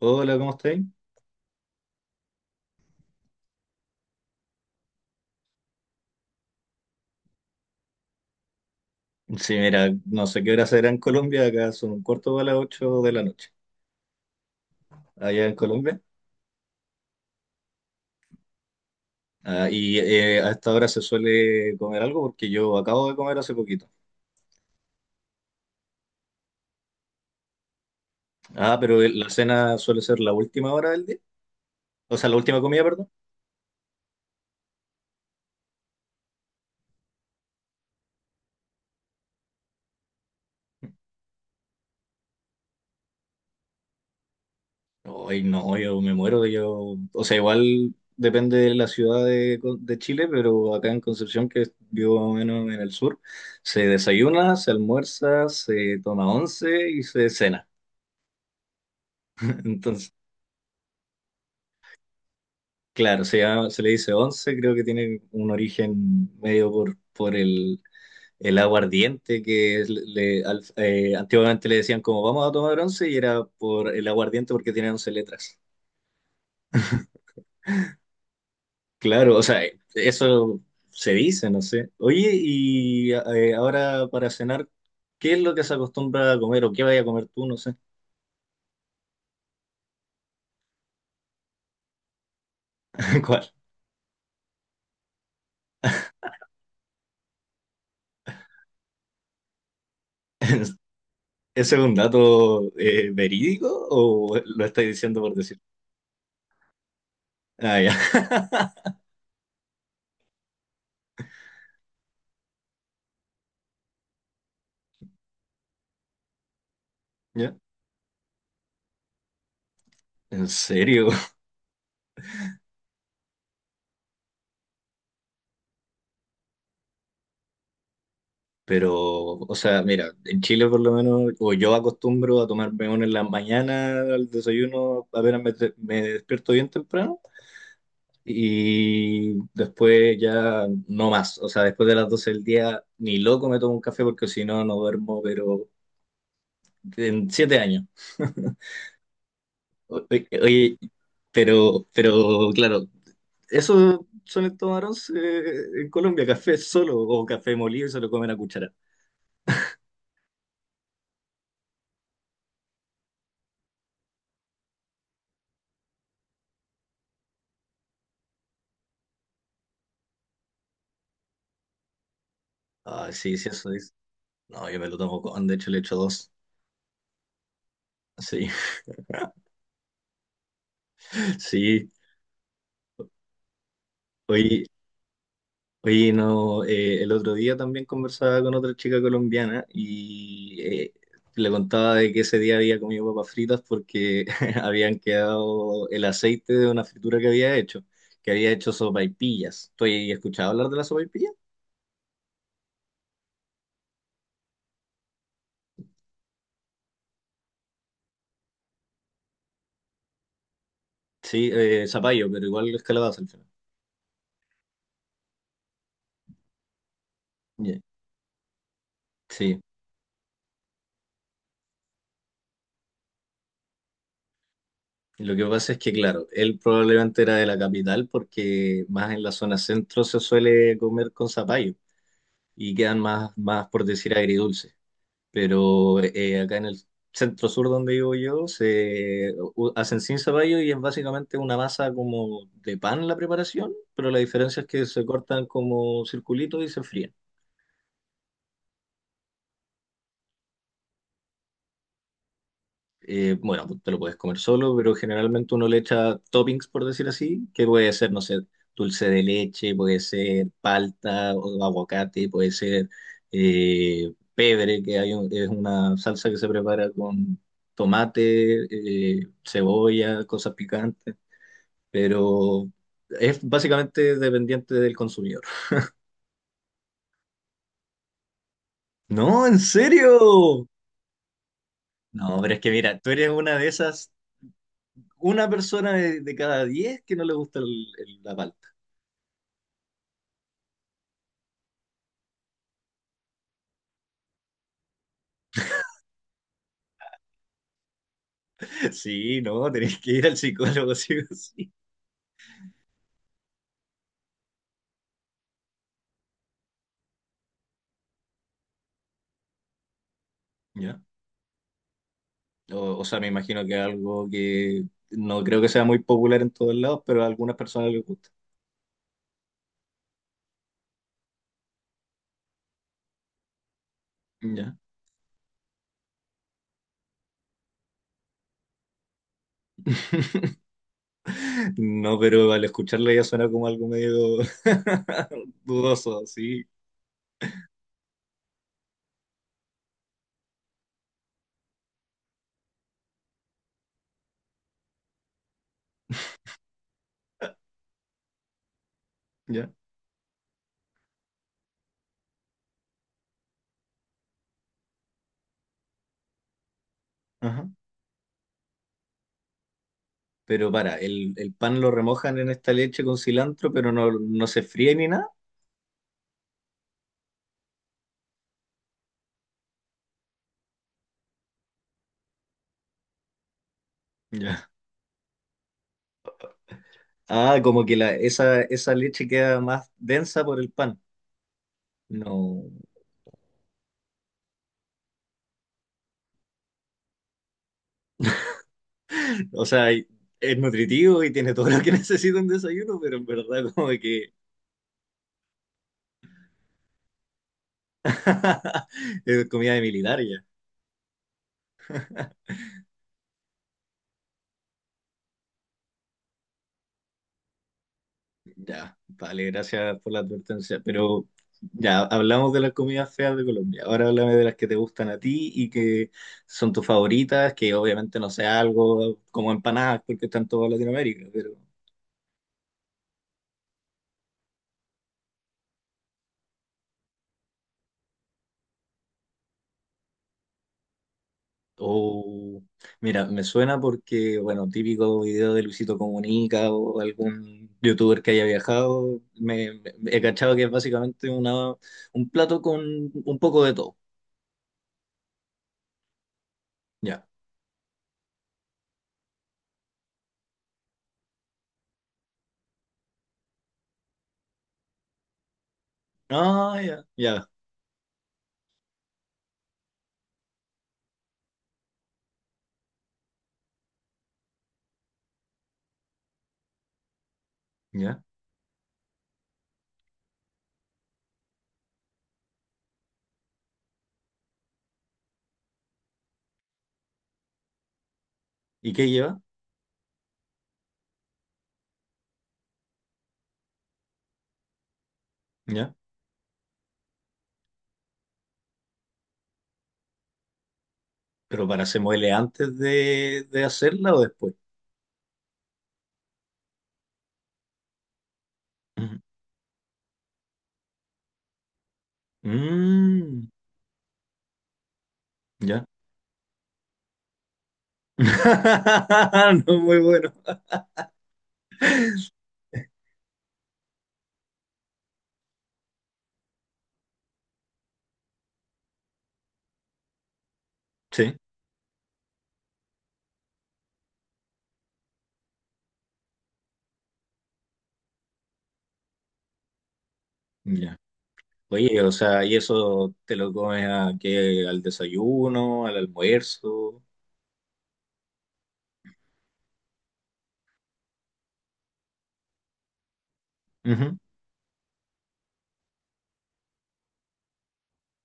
Hola, ¿cómo estáis? Sí, mira, no sé qué hora será en Colombia, acá son un cuarto para las 8 de la noche, allá en Colombia. Ah, y a esta hora se suele comer algo porque yo acabo de comer hace poquito. Ah, pero la cena suele ser la última hora del día, o sea, la última comida, perdón. Hoy no, yo me muero, yo, o sea, igual depende de la ciudad de Chile, pero acá en Concepción, que vivo más o menos en el sur, se desayuna, se almuerza, se toma once y se cena. Entonces. Claro, se le dice once, creo que tiene un origen medio por el aguardiente, que es- le, al- antiguamente le decían como vamos a tomar once y era por el aguardiente porque tiene 11 letras. Claro, o sea, eso se dice, no sé. Oye, y ahora para cenar, ¿qué es lo que se acostumbra a comer o qué vaya a comer tú? No sé. ¿Cuál? ¿Ese es un dato verídico o lo estáis diciendo por decir? Ah, ya. ¿Ya? ¿En serio? Pero, o sea, mira, en Chile por lo menos, o yo acostumbro a tomarme uno en la mañana al desayuno, apenas me despierto bien temprano, y después ya no más. O sea, después de las 12 del día, ni loco me tomo un café porque si no, no duermo, pero en 7 años. O- Oye, pero claro, eso suelen tomar once en Colombia, café solo o café molido y se lo comen a cuchara. Ah, sí, sí, eso. No, yo me lo tomo con, de hecho le echo dos. Sí, sí. Oye, oye, no, el otro día también conversaba con otra chica colombiana y le contaba de que ese día había comido papas fritas porque habían quedado el aceite de una fritura que había hecho sopaipillas. ¿Tú has escuchado hablar de la sopaipilla? Sí, zapallo, pero igual es calabaza al final. Ya. Sí. Lo que pasa es que, claro, él probablemente era de la capital porque más en la zona centro se suele comer con zapallo y quedan más, más por decir, agridulces. Pero acá en el centro sur donde vivo yo se hacen sin zapallo y es básicamente una masa como de pan la preparación, pero la diferencia es que se cortan como circulitos y se fríen. Bueno, tú te lo puedes comer solo, pero generalmente uno le echa toppings, por decir así, que puede ser, no sé, dulce de leche, puede ser palta o aguacate, puede ser pebre, que hay es una salsa que se prepara con tomate, cebolla, cosas picantes, pero es básicamente dependiente del consumidor. No, ¿en serio? No, pero es que mira, tú eres una de esas, una persona de cada 10 que no le gusta la palta. Sí, no, tenés que ir al psicólogo, sí o sí. ¿Ya? O sea, me imagino que es algo que no creo que sea muy popular en todos lados, pero a algunas personas les gusta. ¿Ya? No, pero al escucharla ya suena como algo medio dudoso, sí. ¿Ya? Ajá. Pero el pan lo remojan en esta leche con cilantro, pero no, no se fríe ni nada. Ya. Ah, como que la, esa leche queda más densa por el pan. No. O sea, es nutritivo y tiene todo lo que necesita un desayuno, pero en verdad como que es comida de militar ya. Ya, vale, gracias por la advertencia. Pero ya, hablamos de las comidas feas de Colombia. Ahora háblame de las que te gustan a ti y que son tus favoritas, que obviamente no sea algo como empanadas porque están en toda Latinoamérica, pero. Oh, mira, me suena porque, bueno, típico video de Luisito Comunica o algún youtuber que haya viajado, he cachado que es básicamente un plato con un poco de todo. Ya. Ah, ya, ya, ya. ¿Y qué lleva? Ya. Pero para se muele antes de hacerla o después. Ujú. Mm, ya. No, muy bueno. Sí, ya. Oye, o sea, ¿y eso te lo comes a qué? ¿Al desayuno? ¿Al almuerzo? Ujú.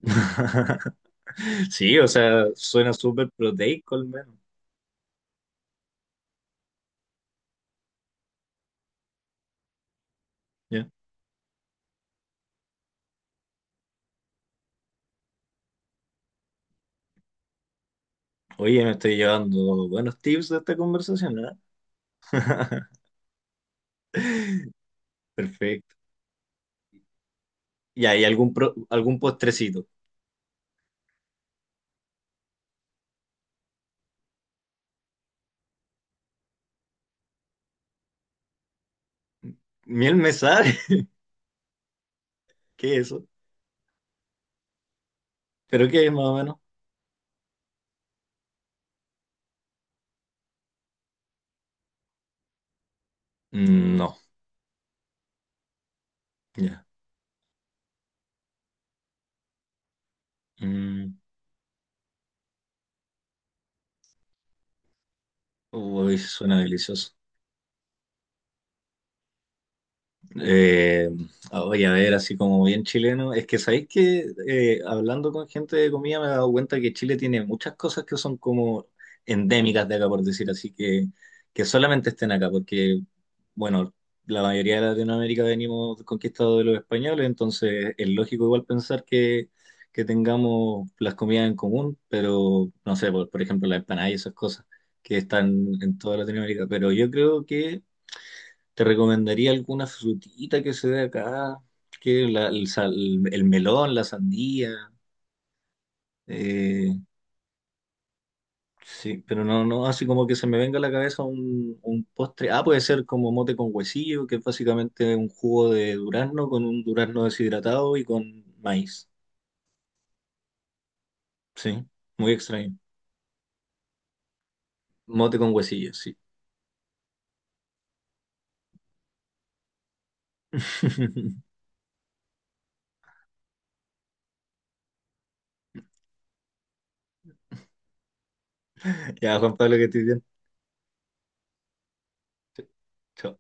Sí, o sea, suena súper proteico al menos. Ya. Oye, me estoy llevando buenos tips de esta conversación, ¿eh? Perfecto. ¿Y hay algún postrecito? ¿Miel mesar? ¿Qué es eso? ¿Pero qué es más o menos? Mm, no, ya. Mm, uy, suena delicioso. Eh, oye, a ver, así como bien chileno, es que sabéis que hablando con gente de comida me he dado cuenta que Chile tiene muchas cosas que son como endémicas de acá, por decir así, que, solamente estén acá, porque, bueno, la mayoría de Latinoamérica venimos conquistados de los españoles, entonces es lógico igual pensar que tengamos las comidas en común, pero no sé, por ejemplo, las empanadas y esas cosas que están en toda Latinoamérica, pero yo creo que te recomendaría alguna frutita que se dé acá, que la- el, sal- el melón, la sandía, eh, sí, pero no, no, así como que se me venga a la cabeza un postre. Ah, puede ser como mote con huesillo, que es básicamente un jugo de durazno con un durazno deshidratado y con maíz. Sí, muy extraño. Mote con huesillo, sí. Ya, Juan Pablo, que estés bien. Chao.